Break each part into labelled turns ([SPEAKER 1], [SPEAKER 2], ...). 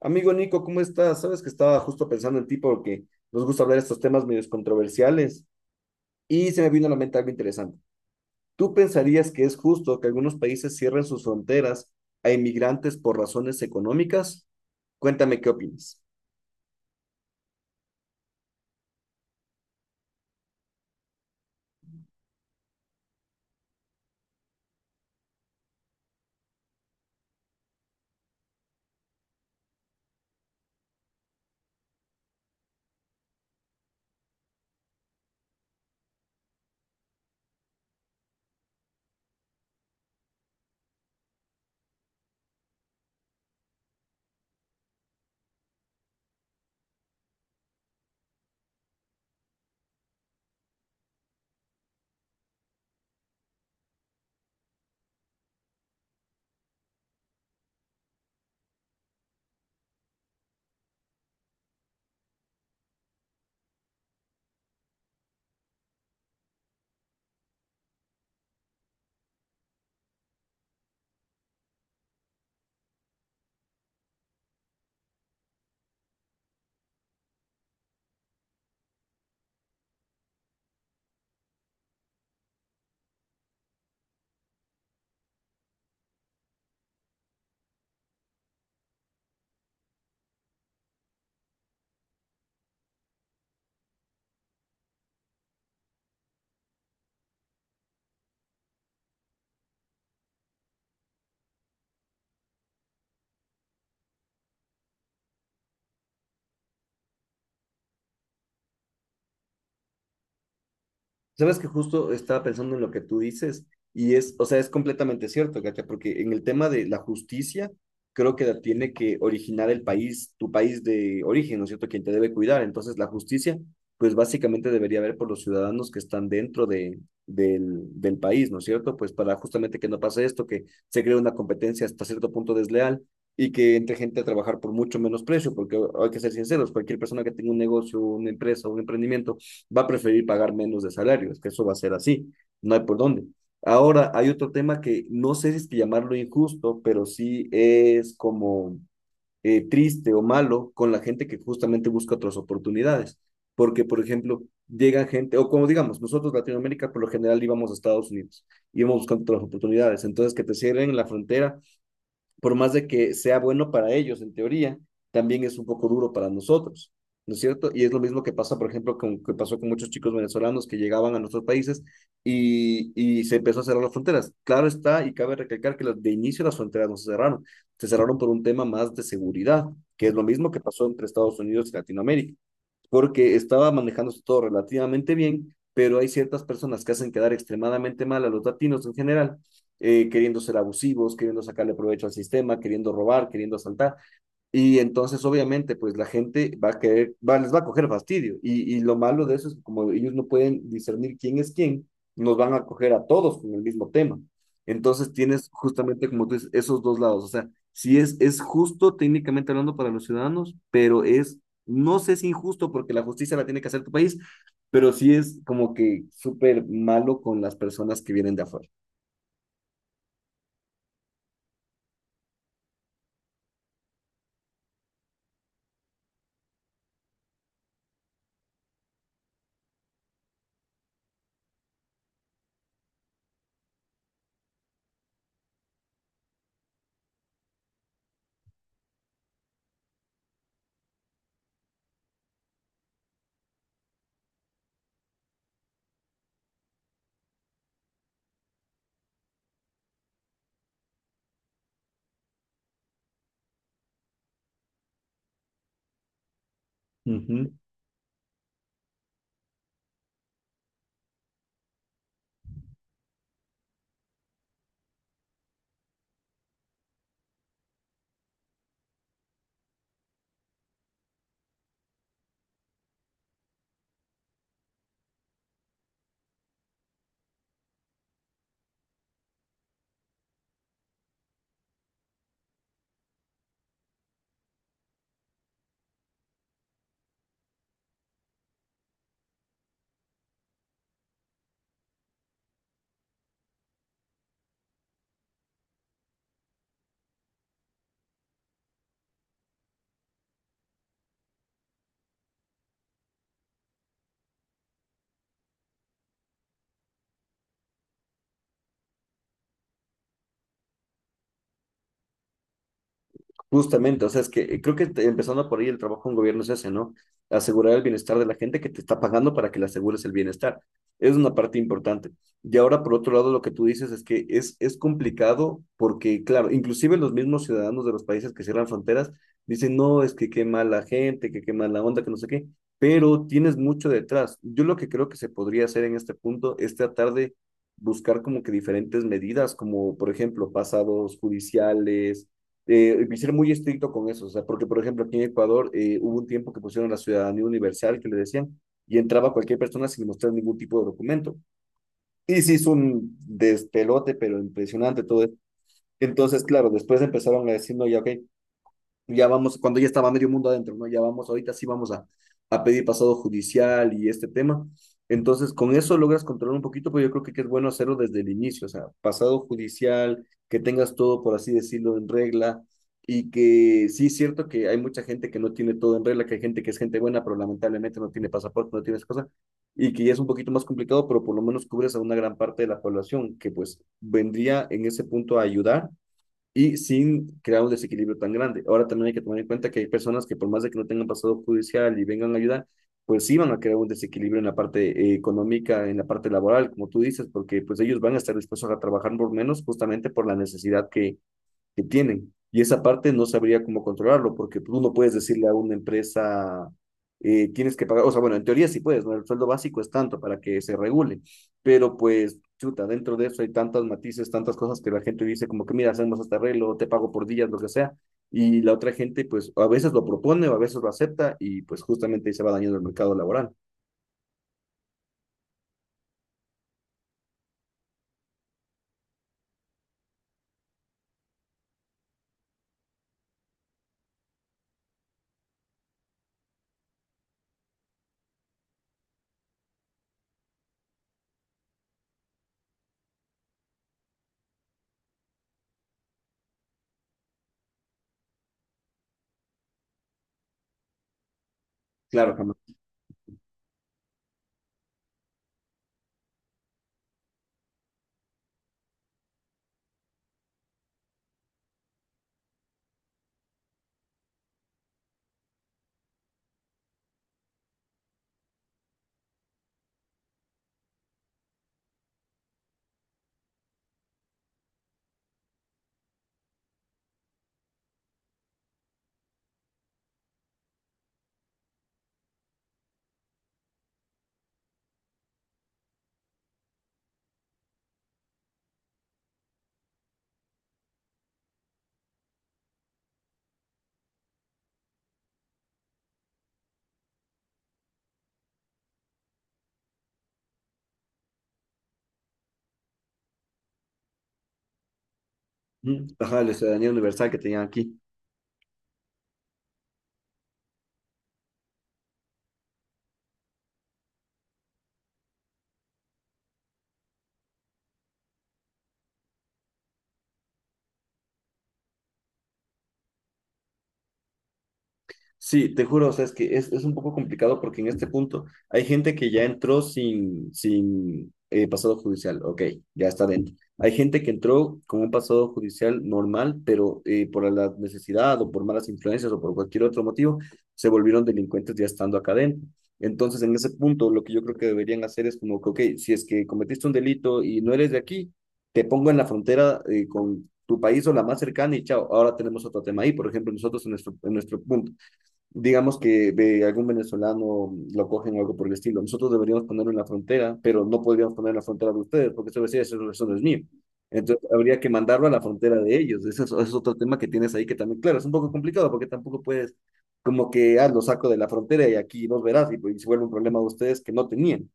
[SPEAKER 1] Amigo Nico, ¿cómo estás? Sabes que estaba justo pensando en ti porque nos gusta hablar de estos temas medio controversiales y se me vino a la mente algo interesante. ¿Tú pensarías que es justo que algunos países cierren sus fronteras a inmigrantes por razones económicas? Cuéntame qué opinas. Sabes que justo estaba pensando en lo que tú dices y es, o sea, es completamente cierto, Katia, porque en el tema de la justicia, creo que la tiene que originar el país, tu país de origen, ¿no es cierto?, quien te debe cuidar. Entonces, la justicia, pues básicamente debería haber por los ciudadanos que están dentro del país, ¿no es cierto?, pues para justamente que no pase esto, que se cree una competencia hasta cierto punto desleal y que entre gente a trabajar por mucho menos precio, porque hay que ser sinceros, cualquier persona que tenga un negocio, una empresa, un emprendimiento, va a preferir pagar menos de salario, es que eso va a ser así, no hay por dónde. Ahora, hay otro tema que no sé si es que llamarlo injusto, pero sí es como triste o malo con la gente que justamente busca otras oportunidades. Porque, por ejemplo, llega gente, o como digamos, nosotros Latinoamérica por lo general íbamos a Estados Unidos, íbamos buscando otras oportunidades. Entonces, que te cierren la frontera por más de que sea bueno para ellos en teoría, también es un poco duro para nosotros, ¿no es cierto? Y es lo mismo que pasa, por ejemplo, que pasó con muchos chicos venezolanos que llegaban a nuestros países y se empezó a cerrar las fronteras. Claro está, y cabe recalcar que de inicio las fronteras no se cerraron, se cerraron por un tema más de seguridad, que es lo mismo que pasó entre Estados Unidos y Latinoamérica porque estaba manejándose todo relativamente bien, pero hay ciertas personas que hacen quedar extremadamente mal a los latinos en general, queriendo ser abusivos, queriendo sacarle provecho al sistema, queriendo robar, queriendo asaltar, y entonces, obviamente, pues la gente va a querer, les va a coger fastidio. Y lo malo de eso es que como ellos no pueden discernir quién es quién, nos van a coger a todos con el mismo tema. Entonces tienes justamente, como tú dices, esos dos lados. O sea, sí es justo técnicamente hablando para los ciudadanos, pero no sé si injusto porque la justicia la tiene que hacer tu país, pero sí es como que súper malo con las personas que vienen de afuera. Ujú. Justamente, o sea, es que creo que empezando por ahí el trabajo de un gobierno es ese, ¿no? Asegurar el bienestar de la gente que te está pagando para que le asegures el bienestar. Es una parte importante. Y ahora, por otro lado, lo que tú dices es que es complicado porque, claro, inclusive los mismos ciudadanos de los países que cierran fronteras dicen, no, es que qué mala gente, que qué mala onda, que no sé qué, pero tienes mucho detrás. Yo lo que creo que se podría hacer en este punto es tratar de buscar como que diferentes medidas, como por ejemplo, pasados judiciales ser muy estricto con eso, o sea, porque por ejemplo aquí en Ecuador hubo un tiempo que pusieron la ciudadanía universal que le decían y entraba cualquier persona sin mostrar ningún tipo de documento. Y sí es un despelote, pero impresionante todo esto. Entonces, claro, después empezaron a decir, no, ya, ok, ya vamos, cuando ya estaba medio mundo adentro, ¿no? Ya vamos, ahorita sí vamos a pedir pasado judicial y este tema. Entonces, con eso logras controlar un poquito, pero yo creo que es bueno hacerlo desde el inicio, o sea, pasado judicial, que tengas todo, por así decirlo, en regla, y que sí es cierto que hay mucha gente que no tiene todo en regla, que hay gente que es gente buena, pero lamentablemente no tiene pasaporte, no tiene esa cosa, y que ya es un poquito más complicado, pero por lo menos cubres a una gran parte de la población, que pues vendría en ese punto a ayudar y sin crear un desequilibrio tan grande. Ahora también hay que tomar en cuenta que hay personas que por más de que no tengan pasado judicial y vengan a ayudar, pues sí van a crear un desequilibrio en la parte económica, en la parte laboral, como tú dices, porque pues ellos van a estar dispuestos a trabajar por menos justamente por la necesidad que tienen. Y esa parte no sabría cómo controlarlo, porque tú no puedes decirle a una empresa, tienes que pagar, o sea, bueno, en teoría sí puedes, ¿no? El sueldo básico es tanto para que se regule, pero pues, chuta, dentro de eso hay tantos matices, tantas cosas que la gente dice como que, mira, hacemos este arreglo, te pago por días, lo que sea, y la otra gente pues a veces lo propone o a veces lo acepta y pues justamente ahí se va dañando el mercado laboral. Claro, jamás. Ujú. Ajá, la ciudadanía universal que tenían aquí. Sí, te juro, o sea, es que es un poco complicado porque en este punto hay gente que ya entró sin pasado judicial, ok, ya está dentro. Hay gente que entró con un pasado judicial normal, pero por la necesidad o por malas influencias o por cualquier otro motivo, se volvieron delincuentes ya estando acá dentro. Entonces, en ese punto, lo que yo creo que deberían hacer es como que, ok, si es que cometiste un delito y no eres de aquí, te pongo en la frontera con tu país o la más cercana y chao, ahora tenemos otro tema ahí, por ejemplo, nosotros en nuestro punto digamos que de algún venezolano lo cogen o algo por el estilo. Nosotros deberíamos ponerlo en la frontera, pero no podríamos poner en la frontera de ustedes, porque eso decía, eso no es mío. Entonces habría que mandarlo a la frontera de ellos. Ese es otro tema que tienes ahí que también, claro, es un poco complicado porque tampoco puedes como que, ah, lo saco de la frontera y aquí los verás y, pues, se vuelve un problema de ustedes que no tenían.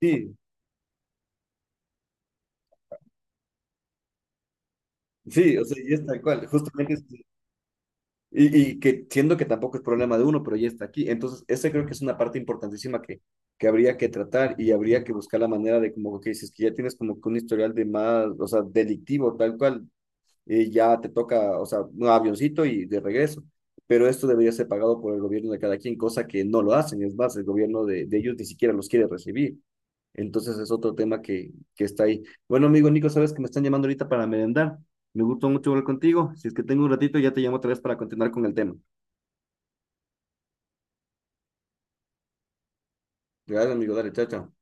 [SPEAKER 1] Sí, sí, o sea, y es tal cual. Justamente y que siendo que tampoco es problema de uno, pero ya está aquí. Entonces, esa creo que es una parte importantísima que habría que tratar y habría que buscar la manera de como que dices que ya tienes como que un historial de más, o sea, delictivo, tal cual, ya te toca, o sea, un avioncito y de regreso. Pero esto debería ser pagado por el gobierno de cada quien, cosa que no lo hacen. Es más, el gobierno de ellos ni siquiera los quiere recibir. Entonces, es otro tema que está ahí. Bueno, amigo Nico, sabes que me están llamando ahorita para merendar. Me gustó mucho hablar contigo. Si es que tengo un ratito, ya te llamo otra vez para continuar con el tema. Gracias, amigo. Dale, chao, chao.